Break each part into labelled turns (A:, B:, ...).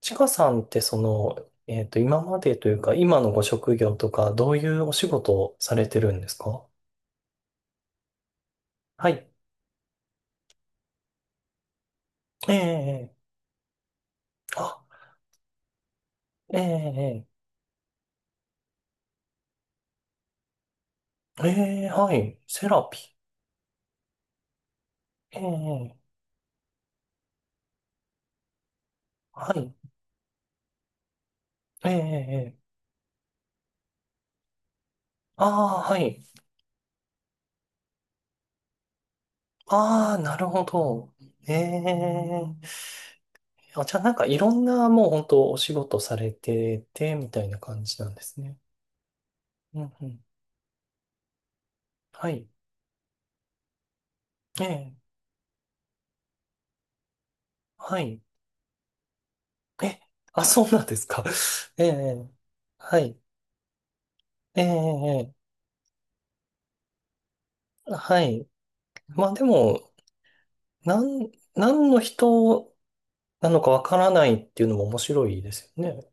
A: ちかさんって今までというか、今のご職業とか、どういうお仕事をされてるんですか？はい。ええ、あ、ええ、ええ、はい。セラピー。ええ、はい。ええ、ええ、ああ、はい。ああ、なるほど。ええ、あ、じゃあなんかいろんなもう本当お仕事されてて、みたいな感じなんですね。うんうん。はい。ええ、はい。え、あ、そうなんですか。ええ、はい。ええ、ええ、はい。まあでも、何の人なのかわからないっていうのも面白いですよね。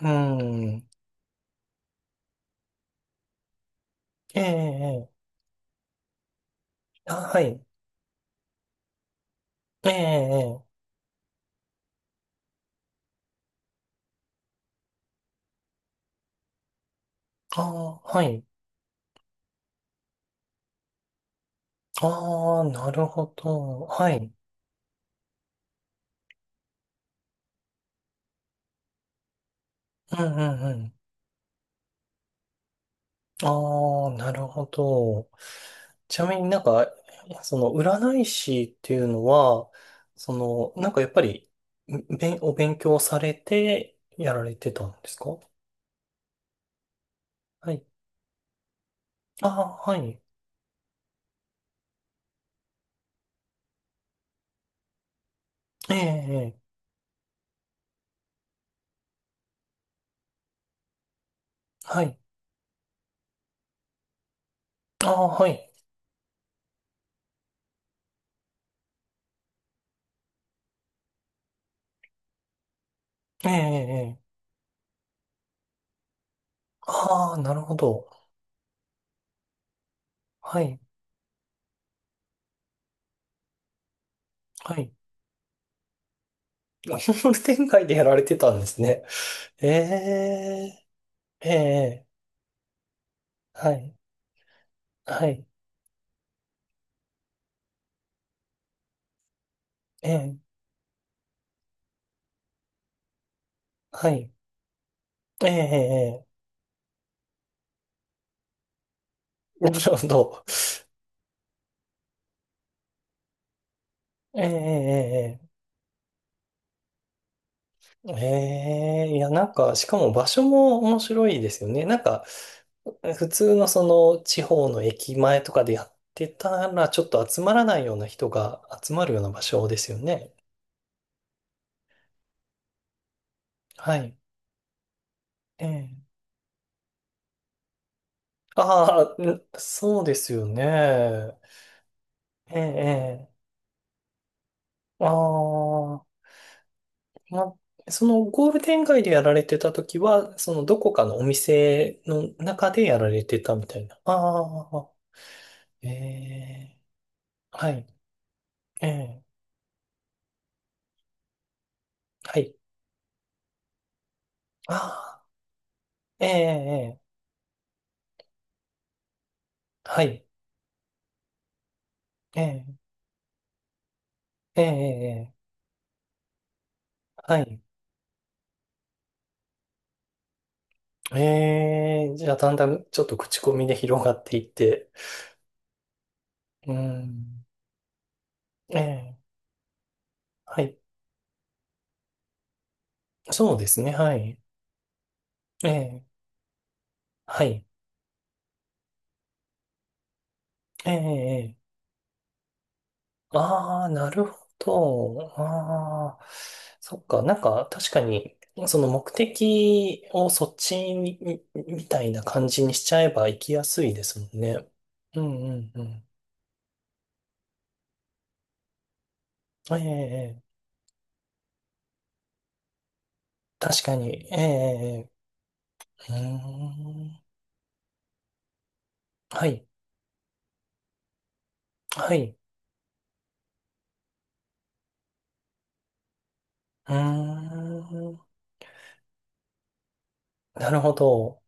A: うん。ええ、ええ、あ、はい。ええ、ええ、ああ、はい。ああ、なるほど。はい。うんうんうん。ああ、なるほど。ちなみになんか、その占い師っていうのは、その、なんかやっぱり、お勉強されてやられてたんですか？はい。ああー、はい。ええ、ええ、はい。ああ、はい。ええ、ええ。ああ、なるほど。はい、はい。あホール展開でやられてたんですね。ええ、ええ、はい、はい。ええ、はい。ええ、ええ、なるほど。ええ、ええ、ええ、ええ、いや、なんか、しかも場所も面白いですよね。なんか、普通のその地方の駅前とかでやってたら、ちょっと集まらないような人が集まるような場所ですよね。はい。ええ。ああ、ん、そうですよね。ええ、ええ。ああ、ま、そのゴールデン街でやられてた時は、そのどこかのお店の中でやられてたみたいな。ああ、ええ、はい。ええ。はい、ああ、ええ、ええ、はい。ええ、ええ、ええ、はい。ええ、じゃあ、だんだんちょっと口コミで広がっていって。うん。ええ、はい。そうですね、はい。ええ、はい。ええ、え、ああ、なるほど。ああ、そっか。なんか、確かに、その目的をそっちに、みたいな感じにしちゃえば行きやすいですもんね。うん、うん、うん。ええ、ええ。確かに。ええ、ええ、うーん。はい、はい。うーん。なるほど。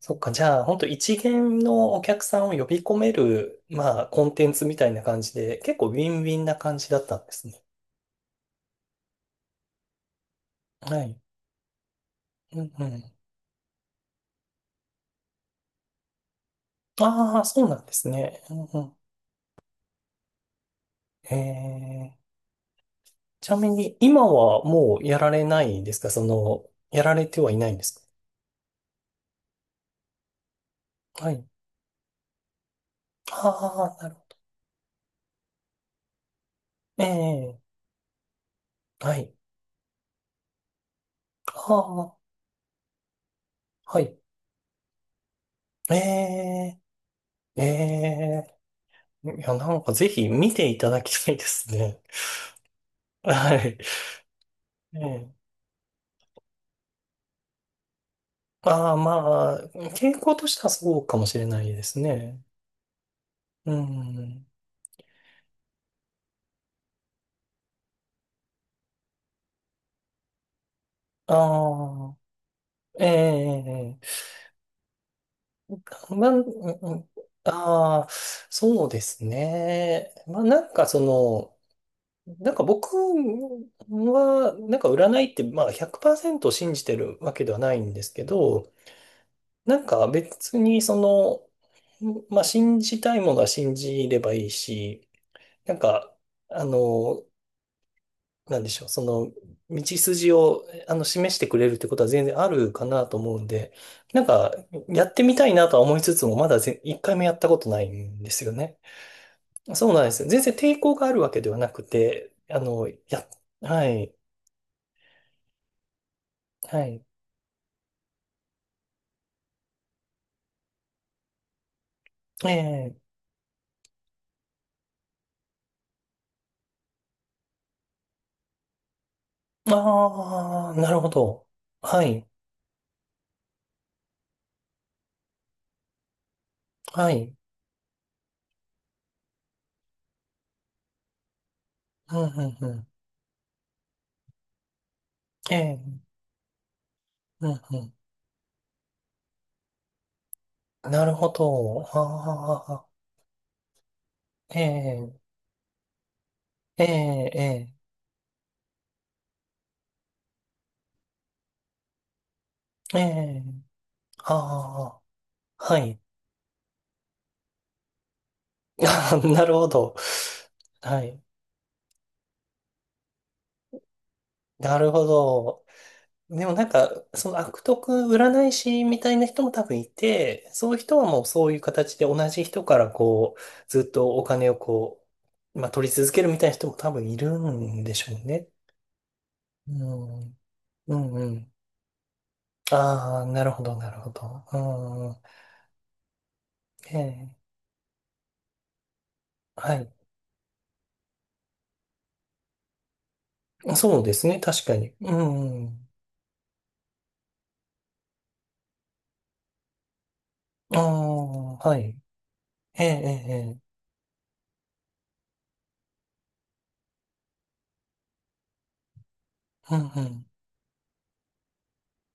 A: そっか、じゃあ、本当一元のお客さんを呼び込める、まあ、コンテンツみたいな感じで、結構ウィンウィンな感じだったんですね。はい。うんうん。ああ、そうなんですね。うんうん。ええ、ちなみに、今はもうやられないんですか？その、やられてはいないんですか？はい。ああ、なるほど。ええ、はい。ああ、はい。ええ、ええ、いや、なんかぜひ見ていただきたいですね。はい。ええ、ああ、まあ、傾向としてはそうかもしれないですね。うん。ああ、ええ、ええ、まあ、うんうん、ああ、そうですね。まあ、なんかその、なんか僕は、なんか占いって、まあ100%信じてるわけではないんですけど、なんか別にその、まあ、信じたいものは信じればいいし、なんか、あの、なんでしょう、その、道筋を、あの、示してくれるってことは全然あるかなと思うんで、なんか、やってみたいなとは思いつつも、まだ一回もやったことないんですよね。そうなんですよ。全然抵抗があるわけではなくて、あの、や、はい、はい、ええ、ああ、なるほど。はい、はい、うん、うん、うん、ええ、うん、うん。なるほど。ああ、ええ、ええ、ええ、ええ、ああ、はい。あー、なるほど。はい。なるほど。でもなんか、その悪徳占い師みたいな人も多分いて、そういう人はもうそういう形で同じ人からこう、ずっとお金をこう、まあ取り続けるみたいな人も多分いるんでしょうね。うん。うんうん。ああ、なるほど、なるほど。うん。ええ。はい。そうですね、確かに。うん、ああ、はい。ええ、ええ、ええ、うん、うん。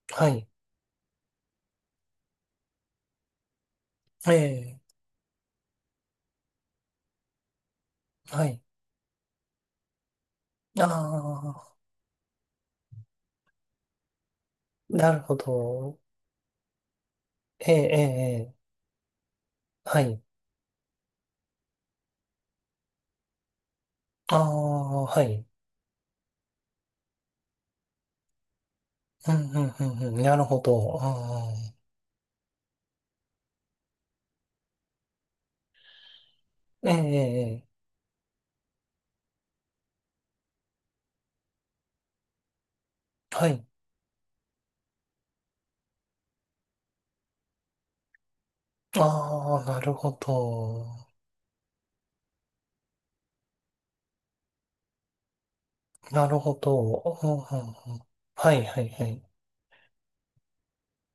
A: はい。ええ、はい。ああ、なるほど。ええ、ええ、ええ、はい。ああ、はい。うん、うん、うん、うん。なるほど。うん、うん、ええ、ええ、ええ、はい。ああ、なるほど。なるほど。うん、うん、うん、はい、はい、はい。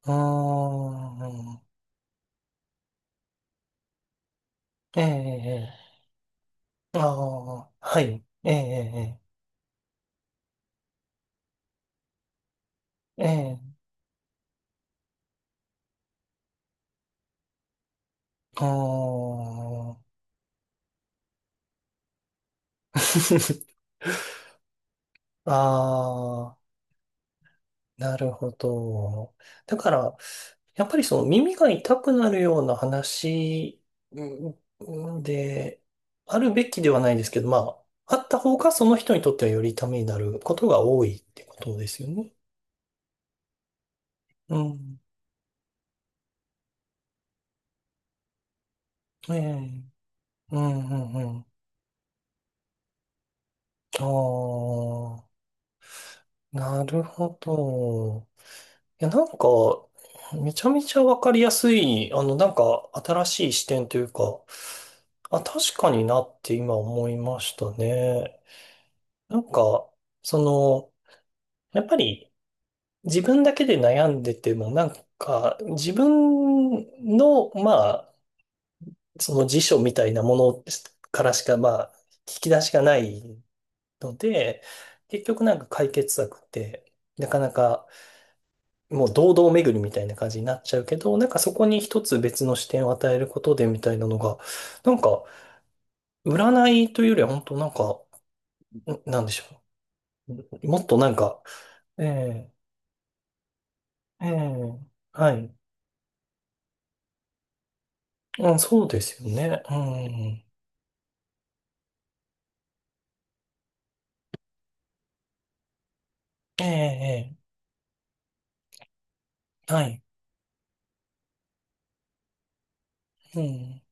A: うーん、ええ、ええ、ええ、ああ、はい。ええ、ええ、ええ、ええ、あー、 あー、なるほど。だから、やっぱりその耳が痛くなるような話、うんうんで、あるべきではないですけど、まあ、あった方がその人にとってはよりためになることが多いってことですよね。うん。ええ。うんうんうん。ああ、なるほど。いや、なんか、めちゃめちゃわかりやすい、あの、なんか、新しい視点というか、あ、確かになって今思いましたね。なんか、その、やっぱり自分だけで悩んでても、なんか、自分の、まあ、その辞書みたいなものからしか、まあ、引き出しがないので、結局なんか解決策って、なかなかもう堂々巡りみたいな感じになっちゃうけど、なんかそこに一つ別の視点を与えることでみたいなのが、なんか占いというよりは本当なんか、なんでしょう。もっとなんか、ええええ、はい。うん、そうですよね。うん。ええええ、はい。うん。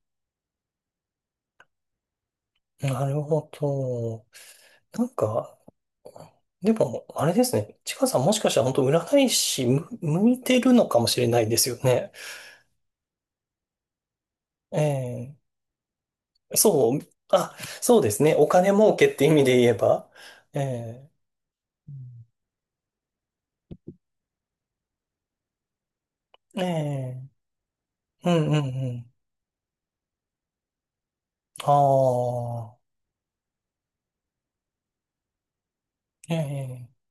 A: なるほど。なんか、でも、あれですね。ちかさんもしかしたら本当占い師向いてるのかもしれないですよね。ええ、そう、あ、そうですね。お金儲けって意味で言えば。ええ、うん、ええ、うんうんうん。ああ、ええ、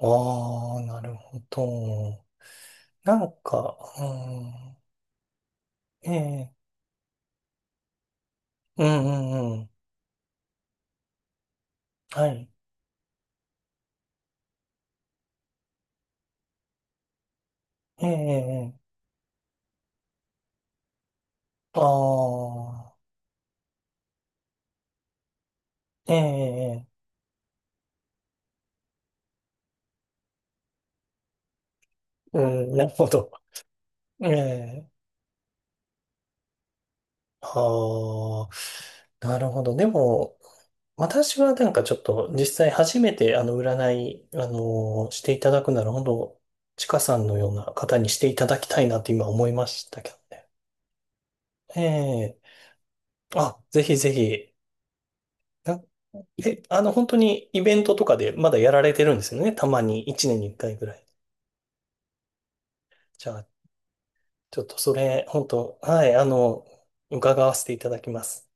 A: ああ、なるほど。なんか、うん、ええ、うんうんうん。はい。ええ、ああ、ええ、うん、なるほど。ええ、ああ、なるほど。でも、私はなんかちょっと実際初めてあの占い、していただくなら本当、ちかさんのような方にしていただきたいなって今思いましたけどね。ええ、あ、ぜひぜひ。なあの本当にイベントとかでまだやられてるんですよね。たまに1年に1回ぐらい。じゃあ、ちょっとそれ、本当、はい、あの、伺わせていただきます。